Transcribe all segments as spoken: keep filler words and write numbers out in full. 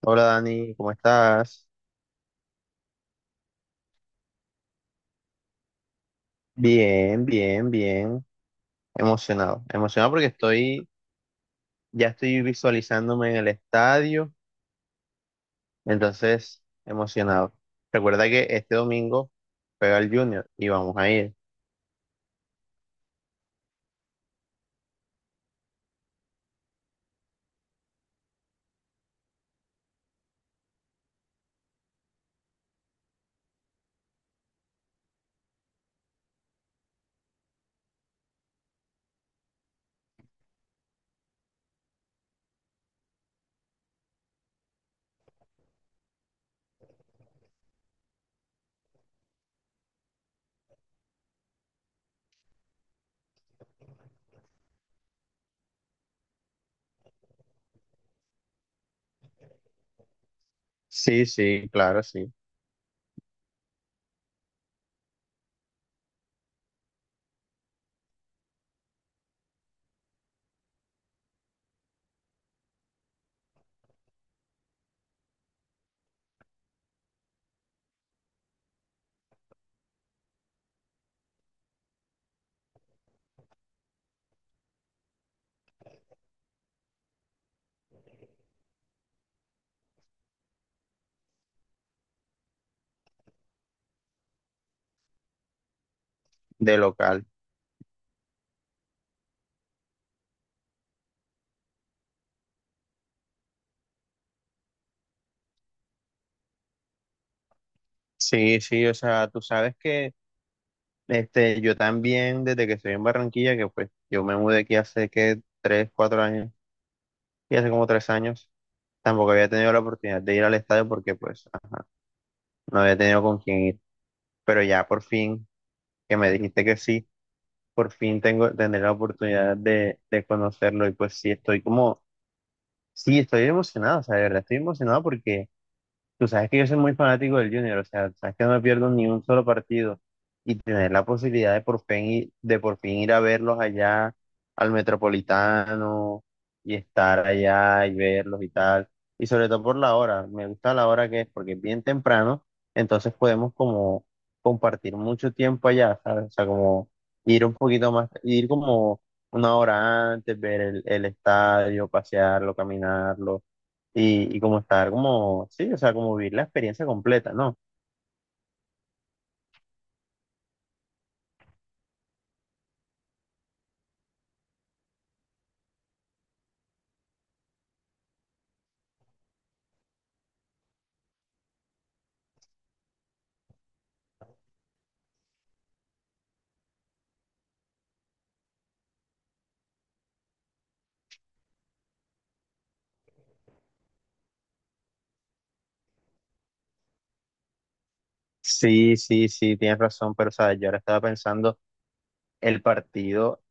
Hola Dani, ¿cómo estás? Bien, bien, bien. Emocionado. Emocionado porque estoy, ya estoy visualizándome en el estadio, entonces emocionado. Recuerda que este domingo pega el Junior y vamos a ir. Sí, sí, claro, sí, de local. Sí, sí, o sea, tú sabes que este, yo también, desde que estoy en Barranquilla, que pues yo me mudé aquí hace que tres, cuatro años, y hace como tres años, tampoco había tenido la oportunidad de ir al estadio porque pues no había tenido con quién ir, pero ya por fin, que me dijiste que sí, por fin tengo, tendré la oportunidad de, de conocerlo y pues sí, estoy como, sí, estoy emocionado, o sea, de verdad estoy emocionado porque tú sabes que yo soy muy fanático del Junior, o sea, sabes que no me pierdo ni un solo partido y tener la posibilidad de por fin, i- de por fin ir a verlos allá al Metropolitano y estar allá y verlos y tal. Y sobre todo por la hora, me gusta la hora que es porque es bien temprano, entonces podemos como compartir mucho tiempo allá, ¿sabes? O sea, como ir un poquito más, ir como una hora antes, ver el, el estadio, pasearlo, caminarlo y, y como estar como, sí, o sea, como vivir la experiencia completa, ¿no? Sí, sí, sí, tienes razón, pero, o sea, yo ahora estaba pensando, el partido,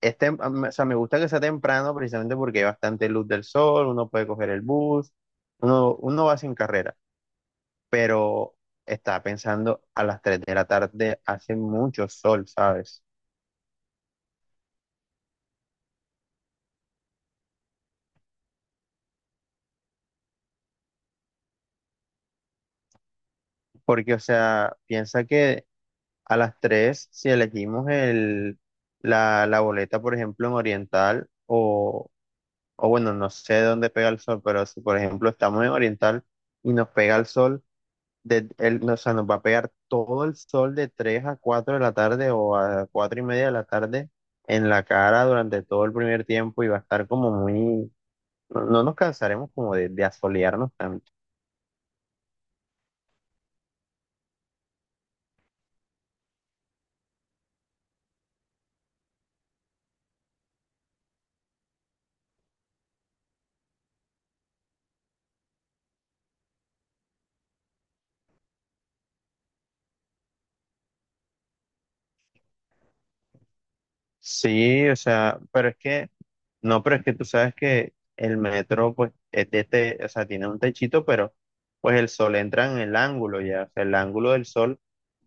es tem- o sea, me gusta que sea temprano precisamente porque hay bastante luz del sol, uno puede coger el bus, uno, uno va sin carrera, pero estaba pensando a las tres de la tarde hace mucho sol, ¿sabes? Porque, o sea, piensa que a las tres si elegimos el, la, la boleta, por ejemplo, en Oriental, o o bueno, no sé dónde pega el sol, pero si por ejemplo estamos en Oriental y nos pega el sol, de, el, o sea, nos va a pegar todo el sol de tres a cuatro de la tarde o a cuatro y media de la tarde en la cara durante todo el primer tiempo y va a estar como muy, no, no nos cansaremos como de, de asolearnos tanto. Sí, o sea, pero es que, no, pero es que tú sabes que el metro, pues, es de te, o sea, tiene un techito, pero pues el sol entra en el ángulo ya, o sea, el ángulo del sol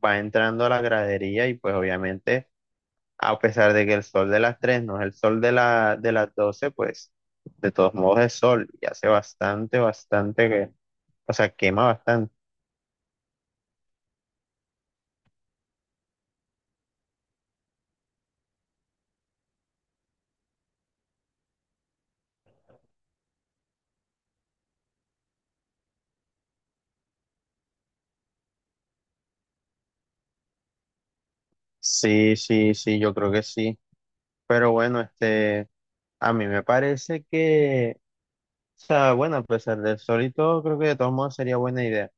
va entrando a la gradería y pues obviamente, a pesar de que el sol de las tres no es el sol de la, de las doce pues, de todos modos es sol y hace bastante, bastante, que, o sea, quema bastante. Sí, sí, sí, yo creo que sí. Pero bueno, este, a mí me parece que, o sea, bueno, a pesar de eso, y todo, creo que de todos modos sería buena idea.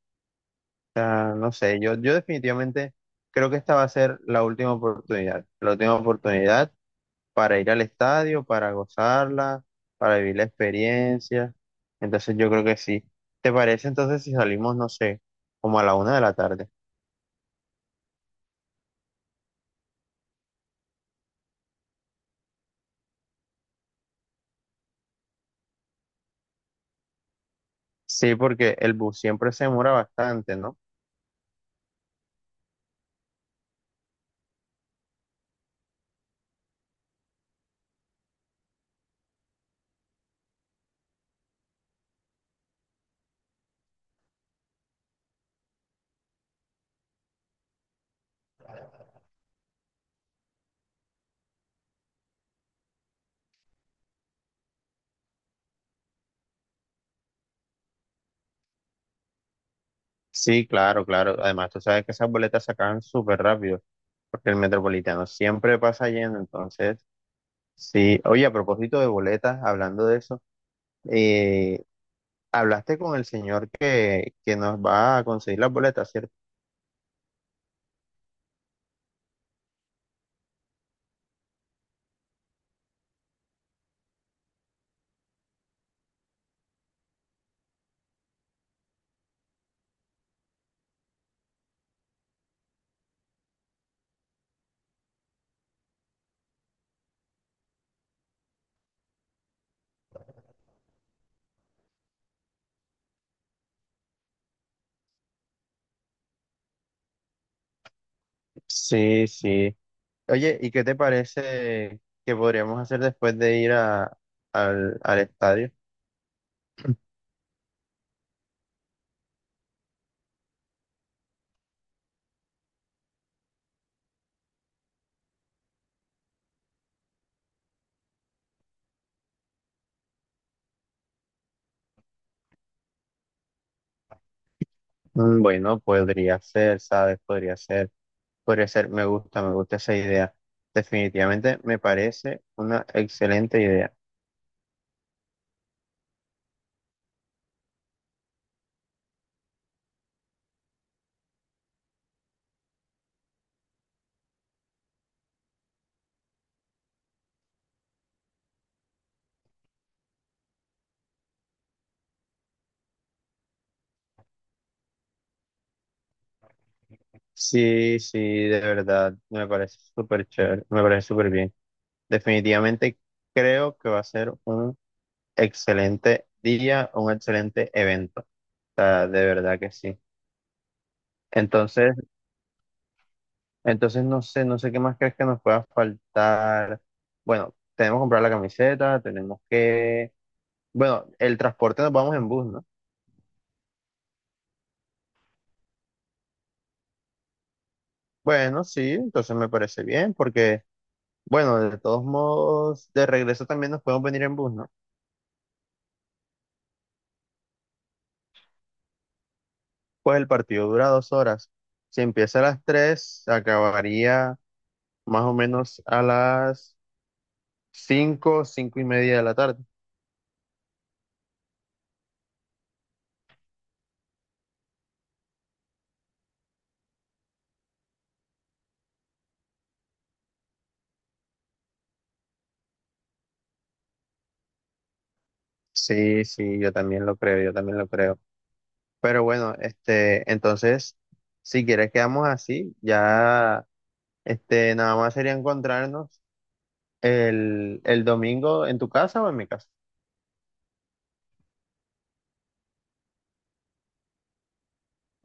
O sea, no sé, yo, yo definitivamente creo que esta va a ser la última oportunidad. La última oportunidad para ir al estadio, para gozarla, para vivir la experiencia. Entonces yo creo que sí. ¿Te parece entonces si salimos, no sé, como a la una de la tarde? Sí, porque el bus siempre se demora bastante, ¿no? Sí, claro, claro. Además, tú sabes que esas boletas se acaban súper rápido, porque el metropolitano siempre pasa lleno, entonces… Sí, oye, a propósito de boletas, hablando de eso, eh, hablaste con el señor que, que nos va a conseguir las boletas, ¿cierto? Sí, sí. Oye, ¿y qué te parece que podríamos hacer después de ir a- al, al estadio? Mm, bueno, podría ser, ¿sabes? Podría ser, podría ser, me gusta, me gusta esa idea. Definitivamente me parece una excelente idea. Sí, sí, de verdad, me parece súper chévere, me parece súper bien. Definitivamente creo que va a ser un excelente día, un excelente evento. O sea, de verdad que sí. Entonces, entonces no sé, no sé qué más crees que nos pueda faltar. Bueno, tenemos que comprar la camiseta, tenemos que, bueno, el transporte nos vamos en bus, ¿no? Bueno, sí, entonces me parece bien porque, bueno, de todos modos, de regreso también nos podemos venir en bus, ¿no? Pues el partido dura dos horas. Si empieza a las tres, acabaría más o menos a las cinco, cinco y media de la tarde. Sí, sí, yo también lo creo, yo también lo creo. Pero bueno, este, entonces, si quieres quedamos así, ya, este, nada más sería encontrarnos el, el domingo en tu casa o en mi casa.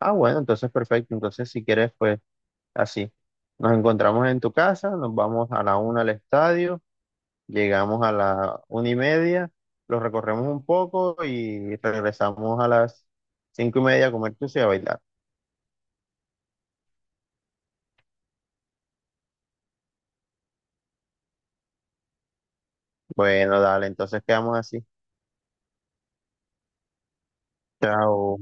Ah, bueno, entonces perfecto. Entonces, si quieres, pues así. Nos encontramos en tu casa, nos vamos a la una al estadio. Llegamos a la una y media, lo recorremos un poco y regresamos a las cinco y media a comer tucia y a bailar. Bueno, dale, entonces quedamos así. Chao.